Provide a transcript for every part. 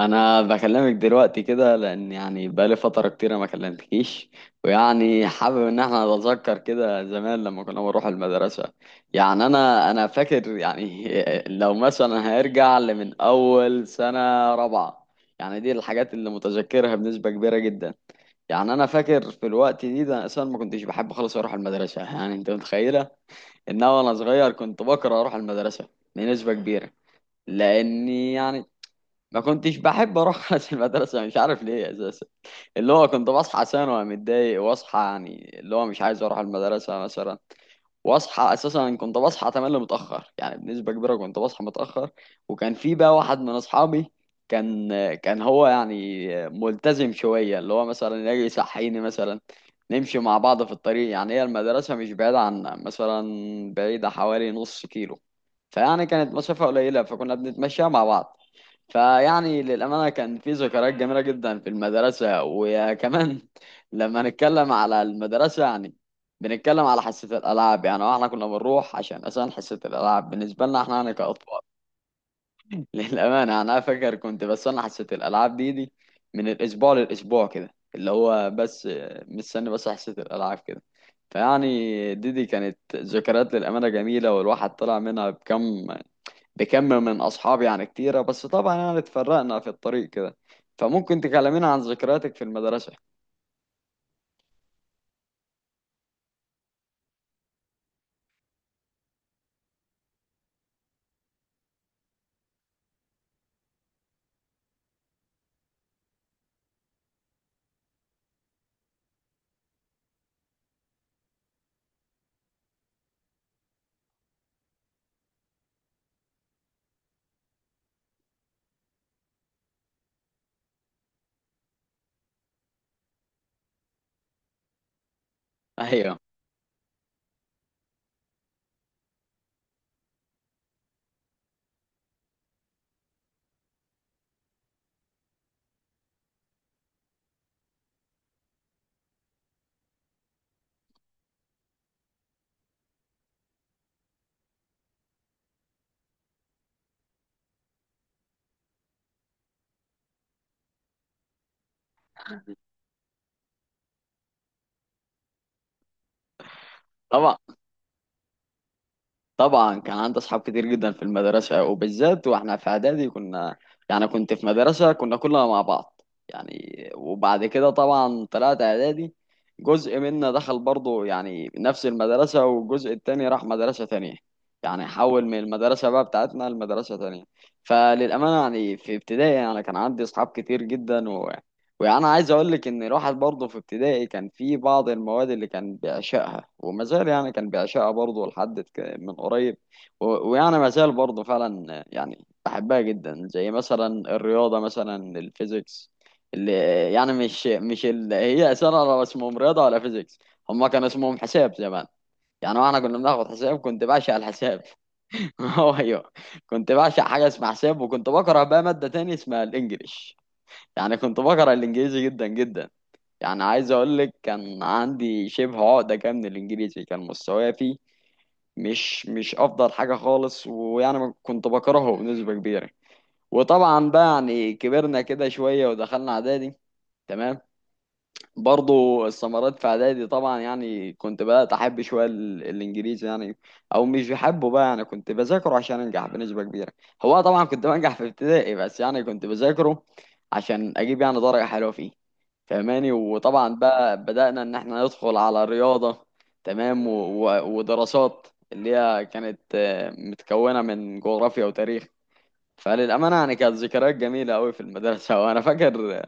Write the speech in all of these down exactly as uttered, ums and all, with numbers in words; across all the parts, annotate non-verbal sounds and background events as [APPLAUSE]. انا بكلمك دلوقتي كده لان يعني بقالي فتره كتيره ما كلمتكيش. ويعني حابب ان احنا نتذكر كده زمان لما كنا بنروح المدرسه. يعني انا انا فاكر يعني [LAUGHS] لو مثلا هيرجع لمن اول سنه رابعه. يعني دي الحاجات اللي متذكرها بنسبه كبيره جدا. يعني انا فاكر في الوقت دي ده أنا اصلا ما كنتش بحب خالص اروح المدرسه. يعني انت متخيله ان انا وانا صغير كنت بكره اروح المدرسه بنسبه كبيره لاني يعني ما كنتش بحب اروح [LAUGHS] المدرسه مش عارف ليه اساسا. اللي هو كنت بصحى عشان وانا متضايق واصحى يعني اللي هو مش عايز اروح المدرسه مثلا، واصحى اساسا كنت بصحى تملي متاخر يعني بنسبه كبيره كنت بصحى متاخر. وكان في بقى واحد من اصحابي كان كان هو يعني ملتزم شويه اللي هو مثلا يجي يصحيني مثلا نمشي مع بعض في الطريق. يعني هي المدرسه مش بعيده عنا مثلا، بعيده حوالي نص كيلو. فيعني كانت مسافه قليله فكنا بنتمشى مع بعض. فيعني للأمانة كان في ذكريات جميلة جدا في المدرسة. وكمان لما نتكلم على المدرسة يعني بنتكلم على حصة الألعاب. يعني واحنا كنا بنروح عشان أصلا حصة الألعاب بالنسبة لنا احنا يعني كأطفال [LAUGHS] للأمانة يعني أنا فاكر كنت بستنى حصة الألعاب دي دي من الأسبوع للأسبوع كده اللي هو بس مستني بس حصة الألعاب كده. فيعني دي دي كانت ذكريات للأمانة جميلة، والواحد طلع منها بكم بكم من أصحابي يعني كتيرة، بس طبعا يعني اتفرقنا في الطريق كده. فممكن تكلمينا عن ذكرياتك في المدرسة؟ [LAUGHS] أيوه، طبعا. طبعا كان عندي أصحاب كتير جدا في المدرسة، وبالذات وإحنا في إعدادي كنا يعني كنت في مدرسة كنا كلنا مع بعض. يعني وبعد كده طبعا طلعت إعدادي جزء منا دخل برضه يعني نفس المدرسة، والجزء التاني راح مدرسة تانية. يعني حول من المدرسة بقى بتاعتنا لمدرسة تانية. فللأمانة يعني في ابتدائي أنا يعني كان عندي أصحاب كتير جدا. وانا عايز اقول لك ان الواحد برضه في ابتدائي كان في بعض المواد اللي كان بيعشقها وما زال، يعني كان بيعشقها برضه لحد ك- من قريب و- ويعني ما زال برضه فعلا يعني بحبها جدا، زي مثلا الرياضه مثلا الفيزيكس اللي يعني مش مش اللي هي اساسا ولا اسمهم رياضه ولا فيزيكس، هما كان اسمهم حساب زمان. يعني واحنا كنا بناخد حساب كنت بعشق الحساب [LAUGHS] هو ايوه. كنت بعشق حاجه اسمها حساب، وكنت بكره بقى ماده تانية اسمها الانجليش. يعني كنت بكره الانجليزي جدا جدا. يعني عايز اقول لك كان عندي شبه عقدة كده من الانجليزي، كان مستواي فيه مش مش افضل حاجة خالص، ويعني كنت بكرهه بنسبة كبيرة. وطبعا بقى يعني كبرنا كده شوية ودخلنا اعدادي. تمام. برضو الثمرات في اعدادي طبعا يعني كنت بدأت احب شوية ال- الانجليزي، يعني او مش بحبه بقى يعني كنت بذاكره عشان انجح بنسبة كبيرة. هو طبعا كنت بنجح في ابتدائي، بس يعني كنت بذاكره عشان اجيب يعني درجة حلوة فيه. فاهماني؟ وطبعا بقى بدأنا ان احنا ندخل على رياضة، تمام، و... و... ودراسات اللي هي كانت آه، متكونة من جغرافيا وتاريخ. فللأمانة يعني كانت ذكريات جميلة أوي في المدرسة [LAUGHS] وأنا فاكر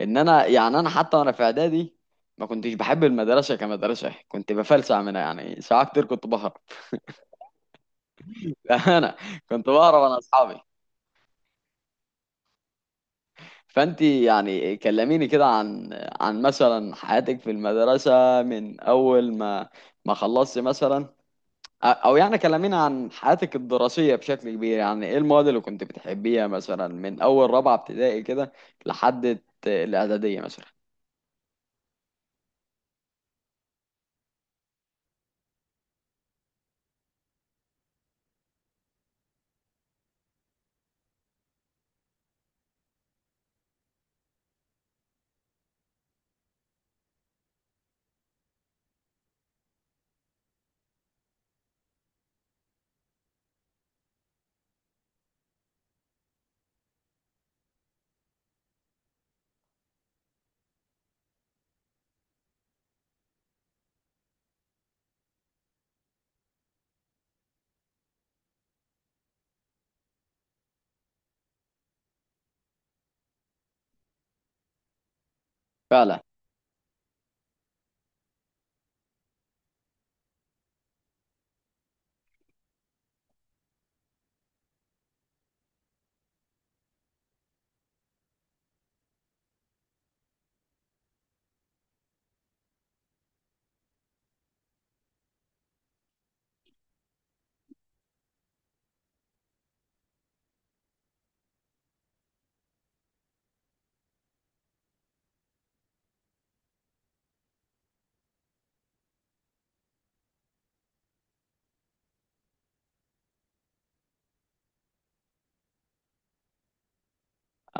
إن أنا يعني أنا حتى وأنا في إعدادي ما كنتش بحب المدرسة كمدرسة، كنت بفلسع منها، يعني ساعات كتير كنت بهرب [LAUGHS] أنا كنت بهرب أنا أصحابي. فأنت يعني كلميني كده عن عن مثلا حياتك في المدرسة من أول ما ما خلصت مثلا، او يعني كلمينا عن حياتك الدراسيه بشكل كبير. يعني ايه المواد اللي كنت بتحبيها مثلا من اول رابعه ابتدائي كده لحد الت- الاعداديه مثلا؟ فعلا.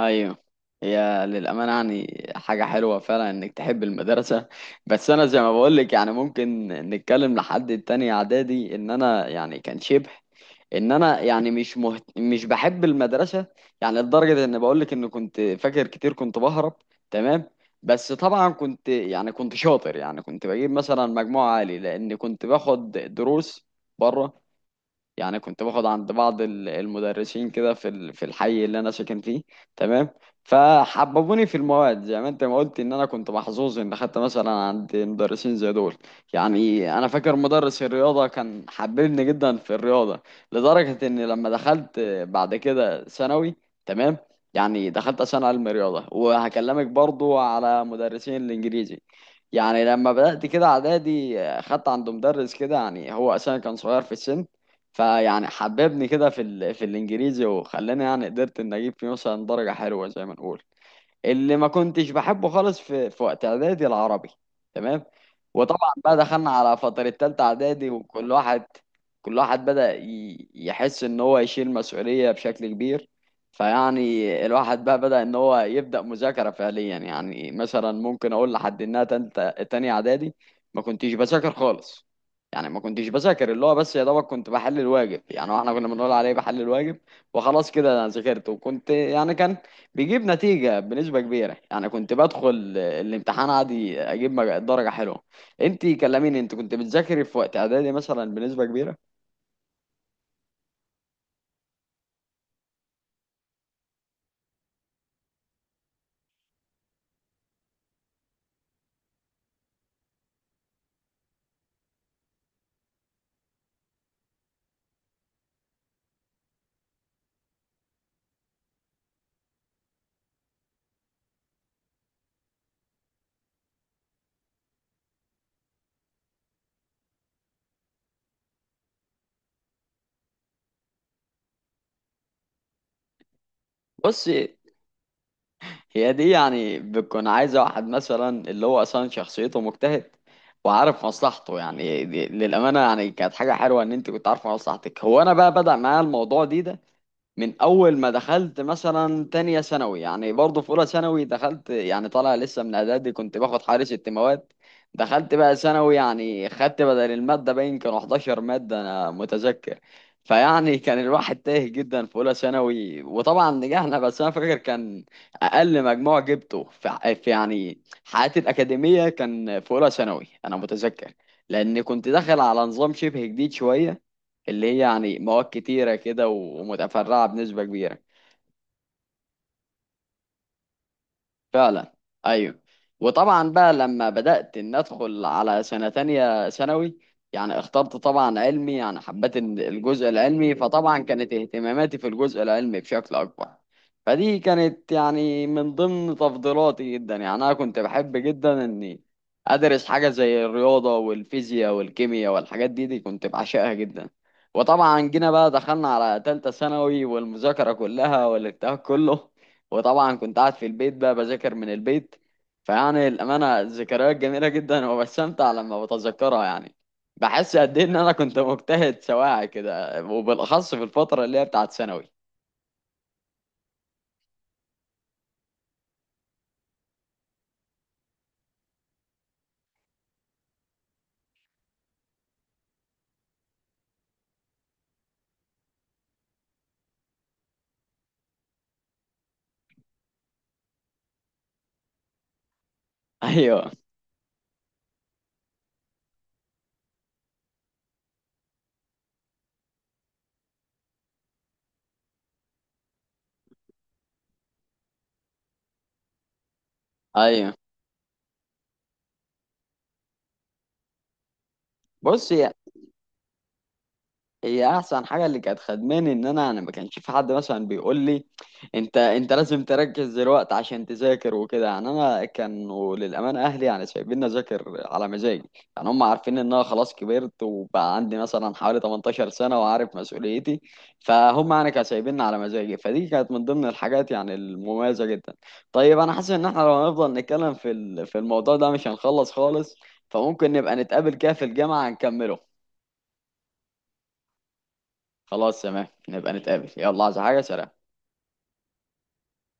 ايوه. هي للامانه يعني حاجه حلوه فعلا انك تحب المدرسه. بس انا زي ما بقول لك يعني ممكن نتكلم لحد التاني اعدادي ان انا يعني كان شبه ان انا يعني مش مهت... مش بحب المدرسه. يعني لدرجه ان بقول لك ان كنت فاكر كتير كنت بهرب. تمام. بس طبعا كنت يعني كنت شاطر، يعني كنت بجيب مثلا مجموع عالي لان كنت باخد دروس بره. يعني كنت باخد عند بعض ال- المدرسين كده في ال- في الحي اللي انا ساكن فيه. تمام. فحببوني في المواد زي ما انت ما قلت ان انا كنت محظوظ ان خدت مثلا عند مدرسين زي دول. يعني انا فاكر مدرس الرياضه كان حببني جدا في الرياضه، لدرجه ان لما دخلت بعد كده ثانوي، تمام، يعني دخلت عشان علم رياضه. وهكلمك برضو على مدرسين الانجليزي. يعني لما بدأت كده اعدادي آه، خدت عند مدرس كده، يعني هو اساسا كان صغير في السن. فيعني حببني كده في ال... في الانجليزي، وخلاني يعني قدرت ان اجيب فيه مثلا درجة حلوة زي ما نقول. اللي ما كنتش بحبه خالص في في وقت اعدادي العربي. تمام. وطبعا بقى دخلنا على فترة تالتة اعدادي، وكل واحد كل واحد بدأ ي- يحس ان هو يشيل مسؤولية بشكل كبير. فيعني الواحد بقى بدأ ان هو يبدأ مذاكرة فعليا. يعني مثلا ممكن اقول لحد انها تالتة تانية اعدادي ما كنتش بذاكر خالص. يعني ما كنتش بذاكر، اللي هو بس يا دوبك كنت بحل الواجب، يعني احنا كنا بنقول عليه بحل الواجب. وخلاص كده انا ذاكرت، وكنت يعني كان بيجيب نتيجة بنسبة كبيرة. يعني كنت بدخل الامتحان عادي أجيب مج- درجة حلوة. أنت كلميني، أنت كنت بتذاكري في وقت إعدادي مثلا بنسبة كبيرة؟ بص، هي دي يعني بتكون عايزة واحد مثلا اللي هو أصلا شخصيته مجتهد وعارف مصلحته. يعني دي للأمانة يعني كانت حاجة حلوة إن أنت كنت عارفة مصلحتك. هو أنا بقى بدأ معايا الموضوع دي ده من اول ما دخلت مثلا تانية ثانوي. يعني برضه في اولى ثانوي دخلت يعني طالع لسه من اعدادي كنت باخد حوالي ست مواد، دخلت بقى ثانوي يعني خدت بدل المادة باين كانوا حداشر مادة انا متذكر. فيعني كان الواحد تايه جدا في اولى ثانوي، وطبعا نجحنا. بس انا فاكر كان اقل مجموع جبته في ع- في يعني حياتي الاكاديمية كان في اولى ثانوي انا متذكر، لان كنت داخل على نظام شبه جديد شوية، اللي هي يعني مواد كتيرة كده و- ومتفرعة بنسبة كبيرة. فعلا. ايوه. وطبعا بقى لما بدأت ان ادخل على سنة تانية ثانوي يعني اخترت طبعا علمي، يعني حبيت إن الجزء العلمي، فطبعا كانت اهتماماتي في الجزء العلمي بشكل اكبر. فدي كانت يعني من ضمن تفضيلاتي جدا. يعني انا كنت بحب جدا اني ادرس حاجة زي الرياضة والفيزياء والكيمياء، والحاجات دي دي كنت بعشقها جدا. وطبعا جينا بقى دخلنا على تالتة ثانوي، والمذاكرة كلها والارتياح كله. وطبعا كنت قاعد في البيت بقى بذاكر من البيت. فيعني الأمانة ذكريات جميلة جدا [LAUGHS] وبستمتع لما بتذكرها. يعني بحس قد إيه إن أنا كنت مجتهد سواعي كده، وبالأخص في الفترة اللي هي بتاعت ثانوي [LAUGHS] أيوه، أيوه. بص، هي احسن حاجه اللي كانت خدماني ان انا انا ما كانش في حد مثلا بيقول لي انت انت لازم تركز دلوقتي عشان تذاكر وكده. يعني انا كانوا للامانه اهلي يعني سايبيني اذاكر على مزاجي. يعني هم عارفين ان انا خلاص كبرت وبقى عندي مثلا حوالي تمنتاشر سنه وعارف مسؤوليتي. فهم يعني كانوا سايبيني على مزاجي، فدي كانت من ضمن الحاجات يعني المميزه جدا. طيب انا حاسس ان احنا لو هنفضل نتكلم في ال- في الموضوع ده مش هنخلص خالص، فممكن نبقى نتقابل كده في الجامعه نكمله. خلاص تمام نبقى نتقابل، يلا، عايز حاجة؟ سلام.